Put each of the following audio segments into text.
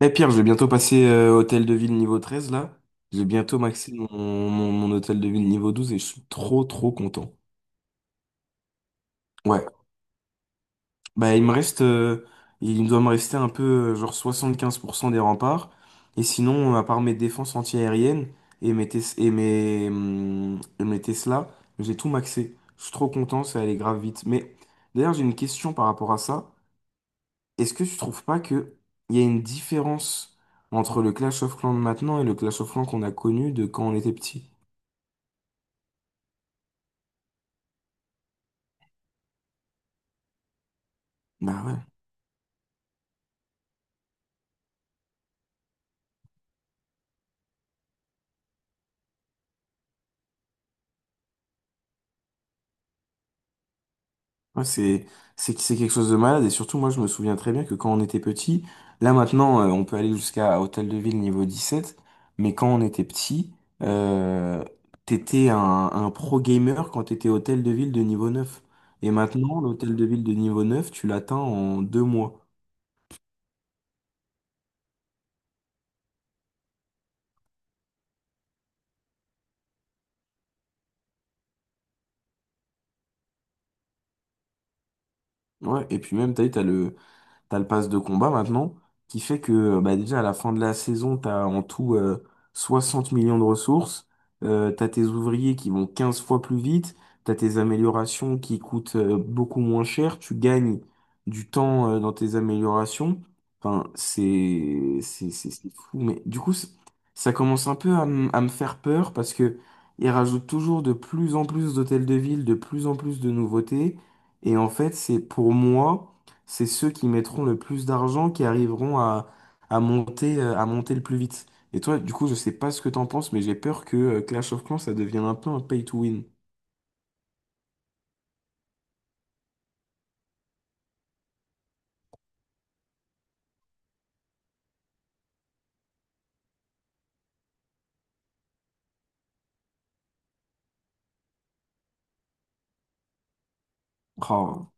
Mais Pierre, je vais bientôt passer hôtel de ville niveau 13 là. Je vais bientôt maxer mon hôtel de ville niveau 12 et je suis trop trop content. Ouais. Bah, il doit me rester un peu genre 75% des remparts. Et sinon, à part mes défenses antiaériennes et mes Tesla, j'ai tout maxé. Je suis trop content, ça allait grave vite. Mais d'ailleurs j'ai une question par rapport à ça. Est-ce que tu trouves pas que il y a une différence entre le Clash of Clans de maintenant et le Clash of Clans qu'on a connu de quand on était petit? Bah ouais. Ouais, c'est quelque chose de malade et surtout moi je me souviens très bien que quand on était petit, là maintenant on peut aller jusqu'à Hôtel de Ville niveau 17, mais quand on était petit, euh, t'étais un pro gamer quand t'étais Hôtel de Ville de niveau neuf. Et maintenant l'Hôtel de Ville de niveau 9 tu l'atteins en 2 mois. Ouais, et puis même, t'as vu, t'as le pass de combat maintenant, qui fait que bah, déjà à la fin de la saison, t'as en tout 60 millions de ressources, t'as tes ouvriers qui vont 15 fois plus vite, t'as tes améliorations qui coûtent beaucoup moins cher, tu gagnes du temps dans tes améliorations. Enfin, c'est fou, mais du coup, ça commence un peu à me faire peur parce que ils rajoutent toujours de plus en plus d'hôtels de ville, de plus en plus de nouveautés, et en fait, c'est pour moi c'est ceux qui mettront le plus d'argent qui arriveront à monter le plus vite. Et toi, du coup, je sais pas ce que t'en penses, mais j'ai peur que Clash of Clans, ça devienne un peu un pay to win. Oh,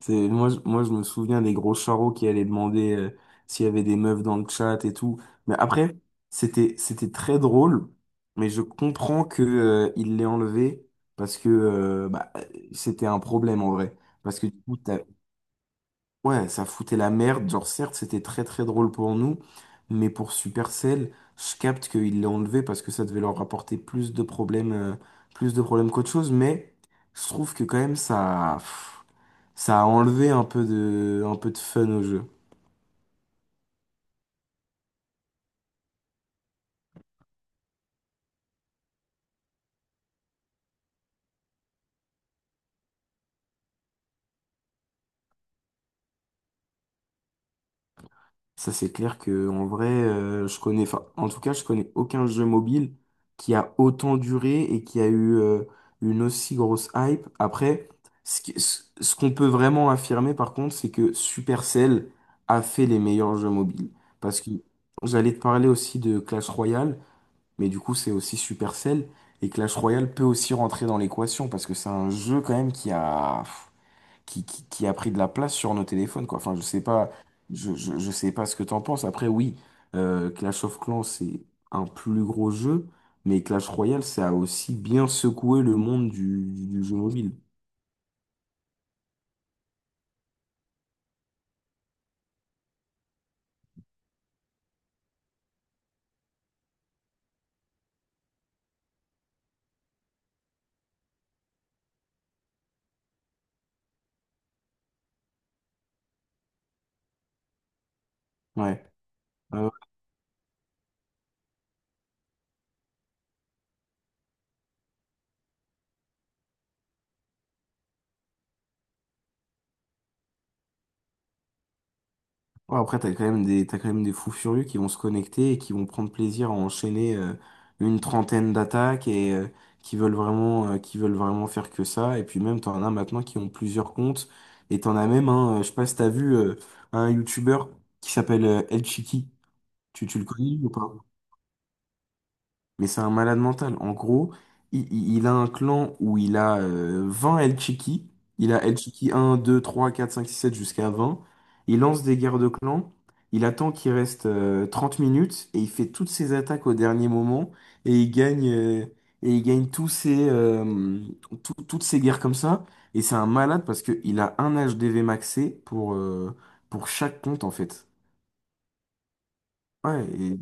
moi, je me souviens des gros charros qui allaient demander s'il y avait des meufs dans le chat et tout. Mais après, c'était très drôle, mais je comprends que, il l'ait enlevé parce que bah, c'était un problème en vrai. Parce que du coup, Ouais, ça foutait la merde. Genre, certes, c'était très très drôle pour nous, mais pour Supercell, je capte qu'ils l'ont enlevé parce que ça devait leur rapporter plus de problèmes qu'autre chose. Mais je trouve que quand même ça a enlevé un peu de fun au jeu. Ça, c'est clair que en vrai, enfin, en tout cas, je connais aucun jeu mobile qui a autant duré et qui a eu une aussi grosse hype. Après, ce qu'on peut vraiment affirmer, par contre, c'est que Supercell a fait les meilleurs jeux mobiles. Parce que j'allais te parler aussi de Clash Royale, mais du coup, c'est aussi Supercell. Et Clash Royale peut aussi rentrer dans l'équation parce que c'est un jeu quand même qui a pris de la place sur nos téléphones, quoi. Enfin, je sais pas ce que t'en penses. Après, oui, Clash of Clans, c'est un plus gros jeu, mais Clash Royale, ça a aussi bien secoué le monde du jeu mobile. Ouais, ouais, ouais. Après, t'as quand même des fous furieux qui vont se connecter et qui vont prendre plaisir à enchaîner une trentaine d'attaques et qui veulent vraiment faire que ça. Et puis même, t'en as maintenant qui ont plusieurs comptes. Et t'en as même un, je sais pas si t'as vu un YouTuber qui s'appelle El Chiqui. Tu le connais lui, ou pas? Mais c'est un malade mental. En gros, il a un clan où il a 20 El Chiqui. Il a El Chiqui 1, 2, 3, 4, 5, 6, 7 jusqu'à 20. Il lance des guerres de clans. Il attend qu'il reste 30 minutes et il fait toutes ses attaques au dernier moment. Et il gagne, euh, et il gagne toutes ses guerres comme ça. Et c'est un malade parce qu'il a un HDV maxé pour chaque compte en fait. Ouais.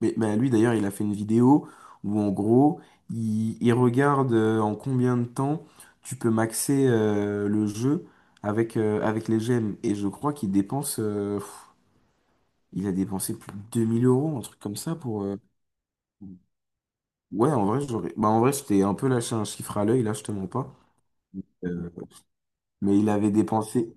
Mais bah, lui d'ailleurs, il a fait une vidéo où en gros, il regarde en combien de temps tu peux maxer le jeu avec les gemmes. Et je crois qu'il a dépensé plus de 2 000 euros, un truc comme ça pour. Ouais, en vrai, j'aurais. Bah, en vrai, je t'ai un peu lâché un chiffre à l'œil, là, je te mens pas. Euh, mais il avait dépensé.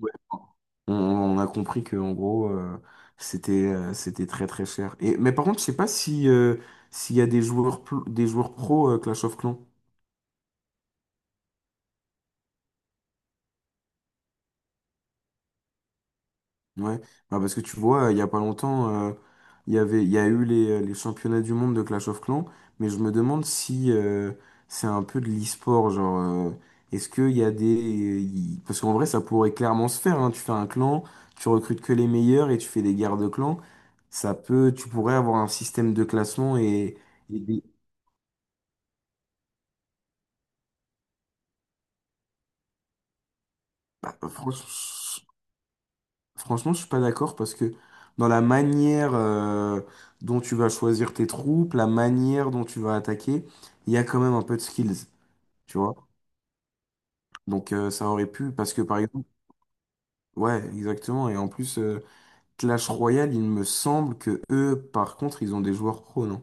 Ouais. On a compris que en gros c'était très très cher. Et mais par contre, je sais pas si s'il y a des joueurs pro Clash of Clans. Ouais. Bah, parce que tu vois, il y a pas longtemps, il y a eu les championnats du monde de Clash of Clans, mais je me demande si c'est un peu de l'e-sport, genre, est-ce qu'il y a des... Parce qu'en vrai, ça pourrait clairement se faire, hein. Tu fais un clan, tu recrutes que les meilleurs et tu fais des guerres de clans, tu pourrais avoir un système de classement et des- ah, franchement, je suis pas d'accord parce que dans la manière dont tu vas choisir tes troupes, la manière dont tu vas attaquer, il y a quand même un peu de skills, tu vois. Donc ça aurait pu parce que par exemple, ouais, exactement. Et en plus, Clash Royale, il me semble que eux, par contre, ils ont des joueurs pro, non?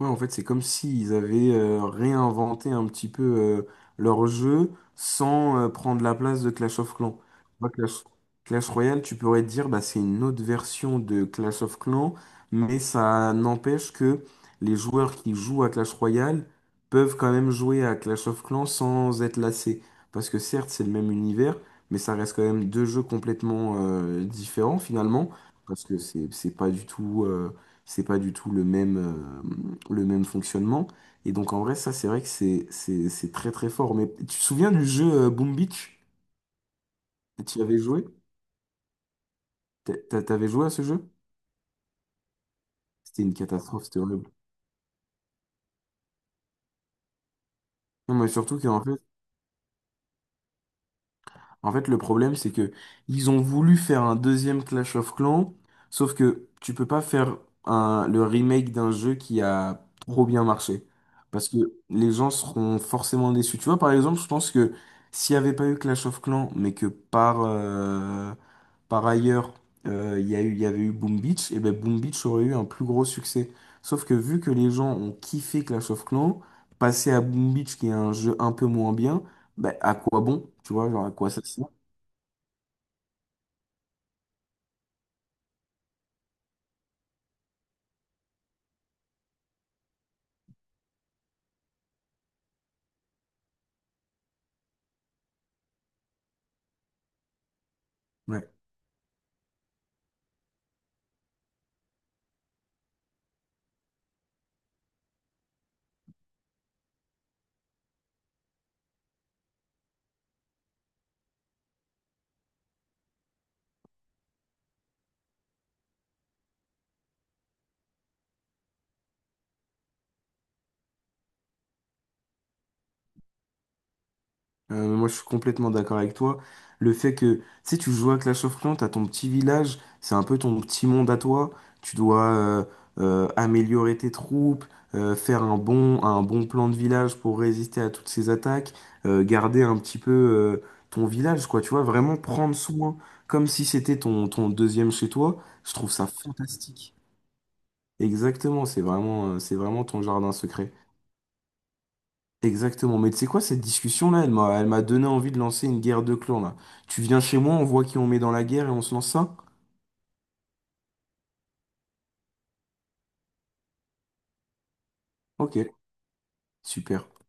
Ouais, en fait, c'est comme s'ils avaient réinventé un petit peu leur jeu sans prendre la place de Clash of Clans. Tu vois, Clash Royale, tu pourrais te dire, bah, c'est une autre version de Clash of Clans, mais ça n'empêche que les joueurs qui jouent à Clash Royale peuvent quand même jouer à Clash of Clans sans être lassés. Parce que certes, c'est le même univers, mais ça reste quand même deux jeux complètement différents finalement, parce que c'est pas du tout... c'est pas du tout le même fonctionnement. Et donc, en vrai, ça, c'est vrai que c'est très très fort. Mais tu te souviens du jeu Boom Beach? Tu y avais joué? T'avais joué à ce jeu? C'était une catastrophe, c'était horrible. Non, mais surtout qu'en fait, en fait, le problème, c'est que ils ont voulu faire un deuxième Clash of Clans, sauf que tu peux pas faire le remake d'un jeu qui a trop bien marché. Parce que les gens seront forcément déçus. Tu vois, par exemple, je pense que s'il n'y avait pas eu Clash of Clans, mais que par ailleurs, il y avait eu Boom Beach, et ben Boom Beach aurait eu un plus gros succès. Sauf que vu que les gens ont kiffé Clash of Clans, passer à Boom Beach, qui est un jeu un peu moins bien, bah, à quoi bon, tu vois, genre à quoi ça sert? Ouais. Moi, je suis complètement d'accord avec toi. Le fait que, tu sais, tu joues à Clash of Clans, t'as ton petit village, c'est un peu ton petit monde à toi. Tu dois améliorer tes troupes, faire un bon plan de village pour résister à toutes ces attaques, garder un petit peu ton village, quoi. Tu vois, vraiment prendre soin, comme si c'était ton deuxième chez toi. Je trouve ça fantastique. Exactement, c'est vraiment ton jardin secret. Exactement, mais tu sais quoi, cette discussion-là, elle m'a donné envie de lancer une guerre de clans, là. Tu viens chez moi, on voit qui on met dans la guerre et on se lance ça? Ok, super.